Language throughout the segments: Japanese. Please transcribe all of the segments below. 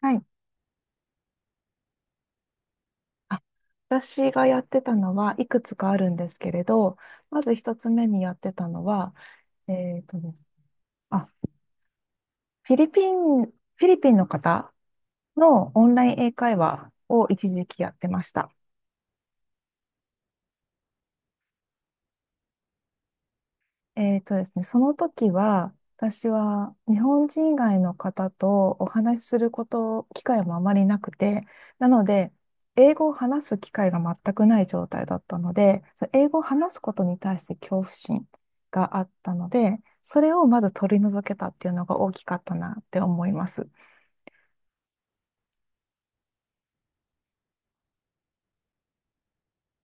はい。あ私がやってたのはいくつかあるんですけれど、まず一つ目にやってたのは、えっとですあ、フィリピンの方のオンライン英会話を一時期やってました。ですね、その時は、私は日本人以外の方とお話しすること、機会もあまりなくて、なので、英語を話す機会が全くない状態だったので、その英語を話すことに対して恐怖心があったので、それをまず取り除けたっていうのが大きかったなって思います。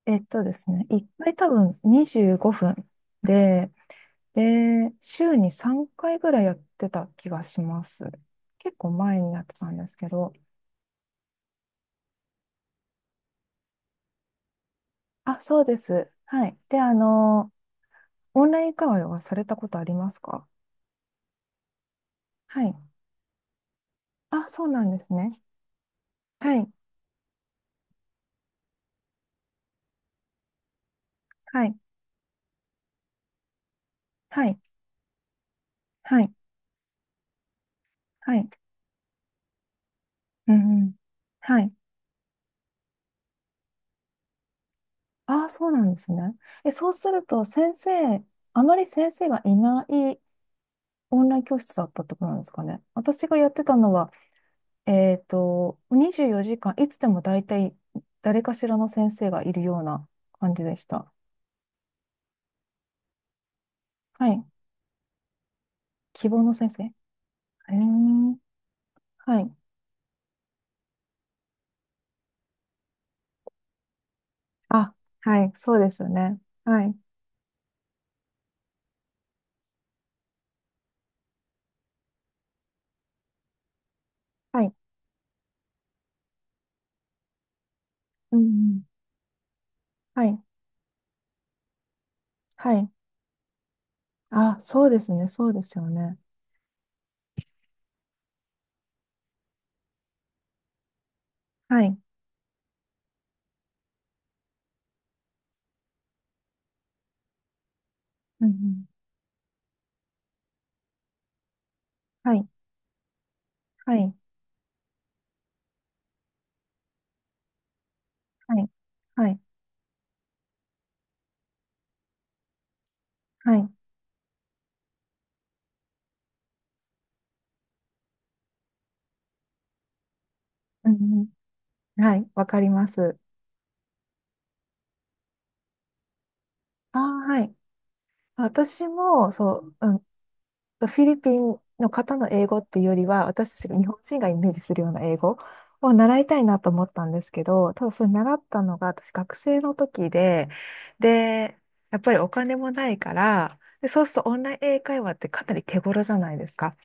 ですね、1回多分25分で、週に3回ぐらいやってた気がします。結構前にやってたんですけど。あ、そうです。はい。で、オンライン会話はされたことありますか？はい。あ、そうなんですね。はい。はい。はい。はい。はい。うんうん。はい。あ、そうなんですね。え、そうすると、あまり先生がいないオンライン教室だったってことなんですかね。私がやってたのは、24時間、いつでも大体誰かしらの先生がいるような感じでした。はい。希望の先生。へえ、はい。あ、はい、そうですよね。はい。はい。うんうん。はい。はい。あ、そうですね。そうですよね。はい。うんうん。はい。はい。はい。はい。はい。うんうん。はい。わかります。あー、はい。私も、そう、フィリピンの方の英語っていうよりは、私たちが日本人がイメージするような英語を習いたいなと思ったんですけど、ただそれ習ったのが私学生の時で、で、やっぱりお金もないから、で、そうするとオンライン英会話ってかなり手頃じゃないですか。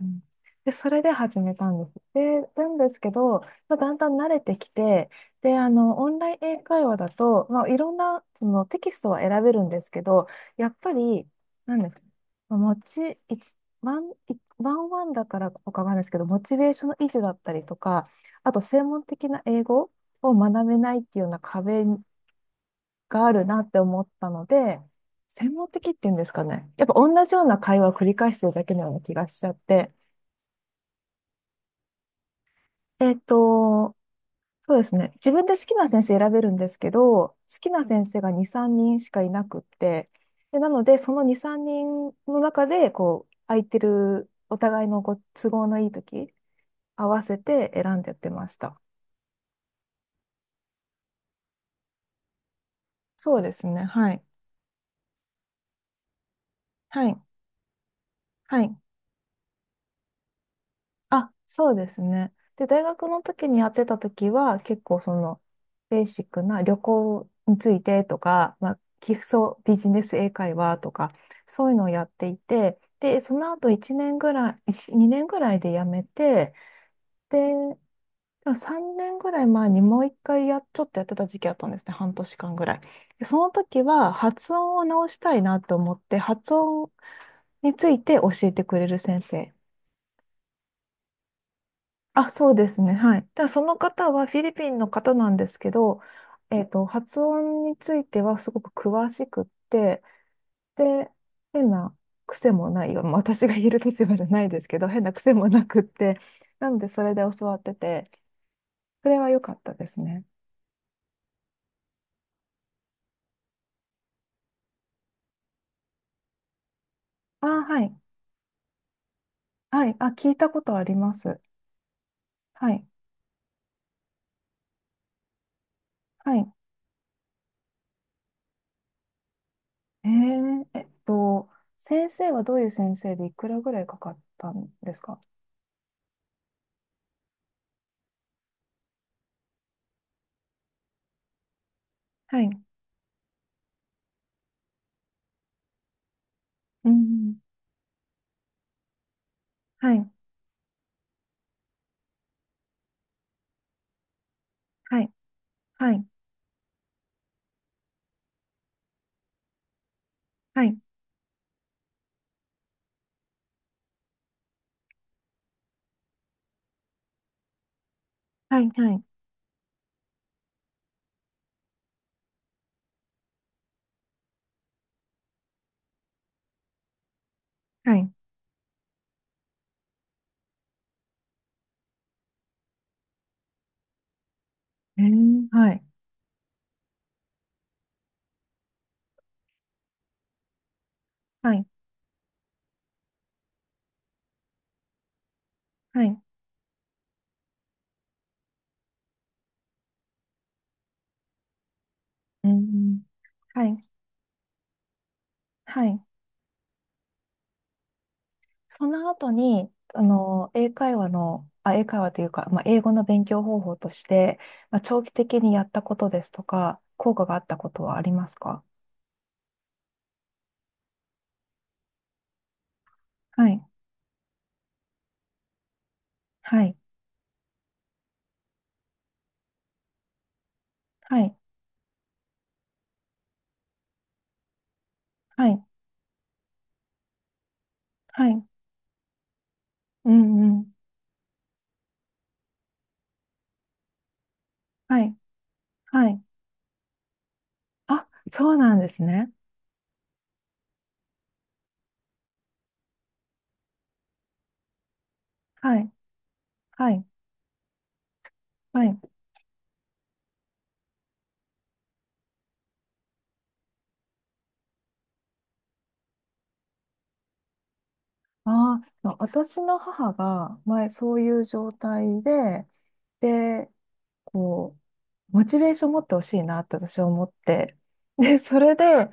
うんで、それで始めたんです。で、なんですけど、まあ、だんだん慣れてきて、で、オンライン英会話だと、まあ、いろんな、その、テキストは選べるんですけど、やっぱり、なんですか、まあモチ、一ワン、いワンワンだからとかなんないですけど、モチベーションの維持だったりとか、あと、専門的な英語を学べないっていうような壁があるなって思ったので、専門的っていうんですかね。やっぱ同じような会話を繰り返してるだけのような気がしちゃって、えっと、そうですね。自分で好きな先生選べるんですけど、好きな先生が2、3人しかいなくって、で、なので、その2、3人の中で、こう、空いてる、お互いのご都合のいい時、合わせて選んでやってました。そうですね。はい。はい。はい。あ、そうですね。で、大学の時にやってた時は、結構ベーシックな旅行についてとか、まあ、基礎ビジネス英会話とか、そういうのをやっていて、で、その後1年ぐらい、1 2年ぐらいで辞めて、で、3年ぐらい前にもう一回ちょっとやってた時期あったんですね。半年間ぐらい。でその時は発音を直したいなと思って、発音について教えてくれる先生。あ、そうですね。はい。ただその方はフィリピンの方なんですけど、発音についてはすごく詳しくって、で、変な癖もないよ。まあ私が言える立場じゃないですけど、変な癖もなくって、なのでそれで教わってて、それは良かったですね。あ、はい。はい。あ、聞いたことあります。はい。はい。えー、えっと、先生はどういう先生でいくらぐらいかかったんですか？はい。うん。はい。はい。はい。はい。はい、はい、はい、はい。えー、はい、はい、はい。うん、はい、はい。その後に、英会話というか、まあ、英語の勉強方法として、まあ、長期的にやったことですとか、効果があったことはありますか？はい、はい、はい、はい、はい。うん、うん。はい、はい。あ、そうなんですね。はい、はい、はい。ああ、私の母が前そういう状態で、で、こう、モチベーション持ってほしいなって私は思って。で、それで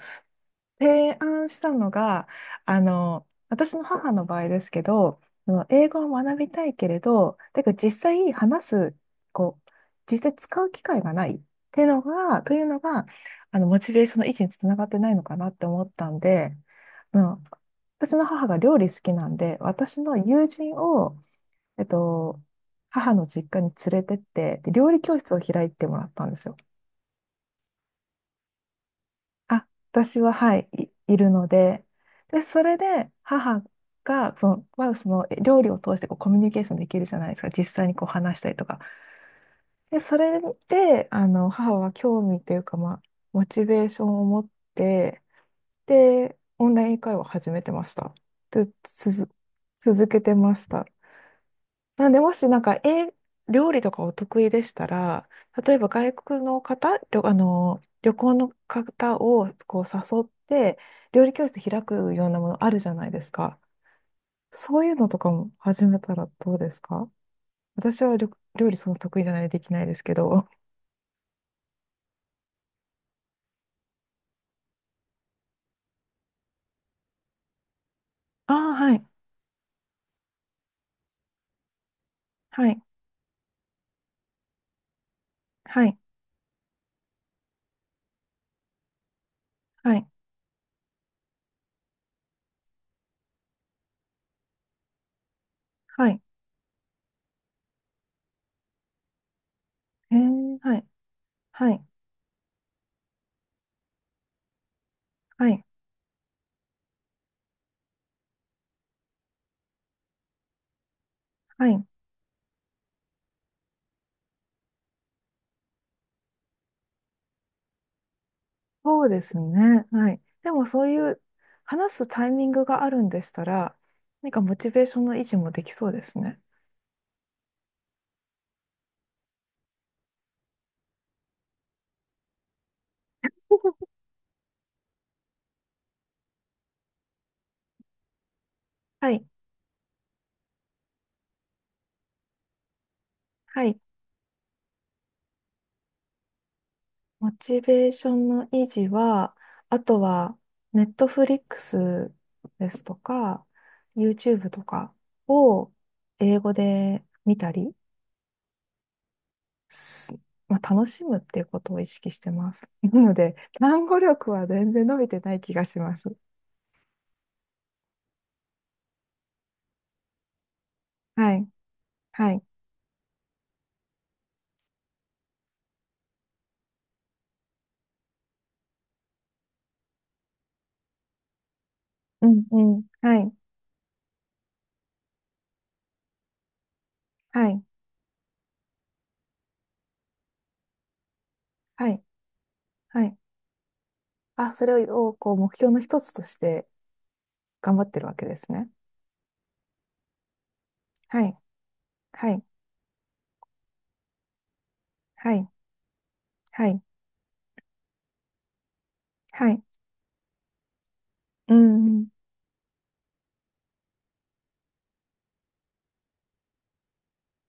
提案したのが、私の母の場合ですけど、その英語を学びたいけれど、だけど実際話す、こう、実際使う機会がないっていうのが、モチベーションの維持につながってないのかなって思ったんで、あの私の母が料理好きなんで、私の友人をえっと、母の実家に連れてって、で料理教室を開いてもらったんですよ。あ、私は、はい、いるので、で、それで母が、まあ、そのえ料理を通してこうコミュニケーションできるじゃないですか、実際にこう話したりとか。で、それで、母は興味というか、まあ、モチベーションを持って、で、オンライン英会話を始めてました。で、続けてました。なんで、もしなんか、料理とかお得意でしたら、例えば外国の方、旅行の方をこう誘って、料理教室開くようなものあるじゃないですか。そういうのとかも始めたらどうですか？私は料理そんな得意じゃないでできないですけど。ああ、はい、はい、はい、はい、はい、えー、はい、はい、はい、はい。そうですね。はい。でもそういう話すタイミングがあるんでしたら、何かモチベーションの維持もできそうですね。はい。はい。モチベーションの維持は、あとは、ネットフリックスですとか、YouTube とかを英語で見たり、すまあ、楽しむっていうことを意識してます。なので、単語力は全然伸びてない気がします。はい。はい。うんうん。はい。はい。はい。はい。あ、それを、こう、目標の一つとして頑張ってるわけですね。はい。はい。はい。はい。はい。はい、うん。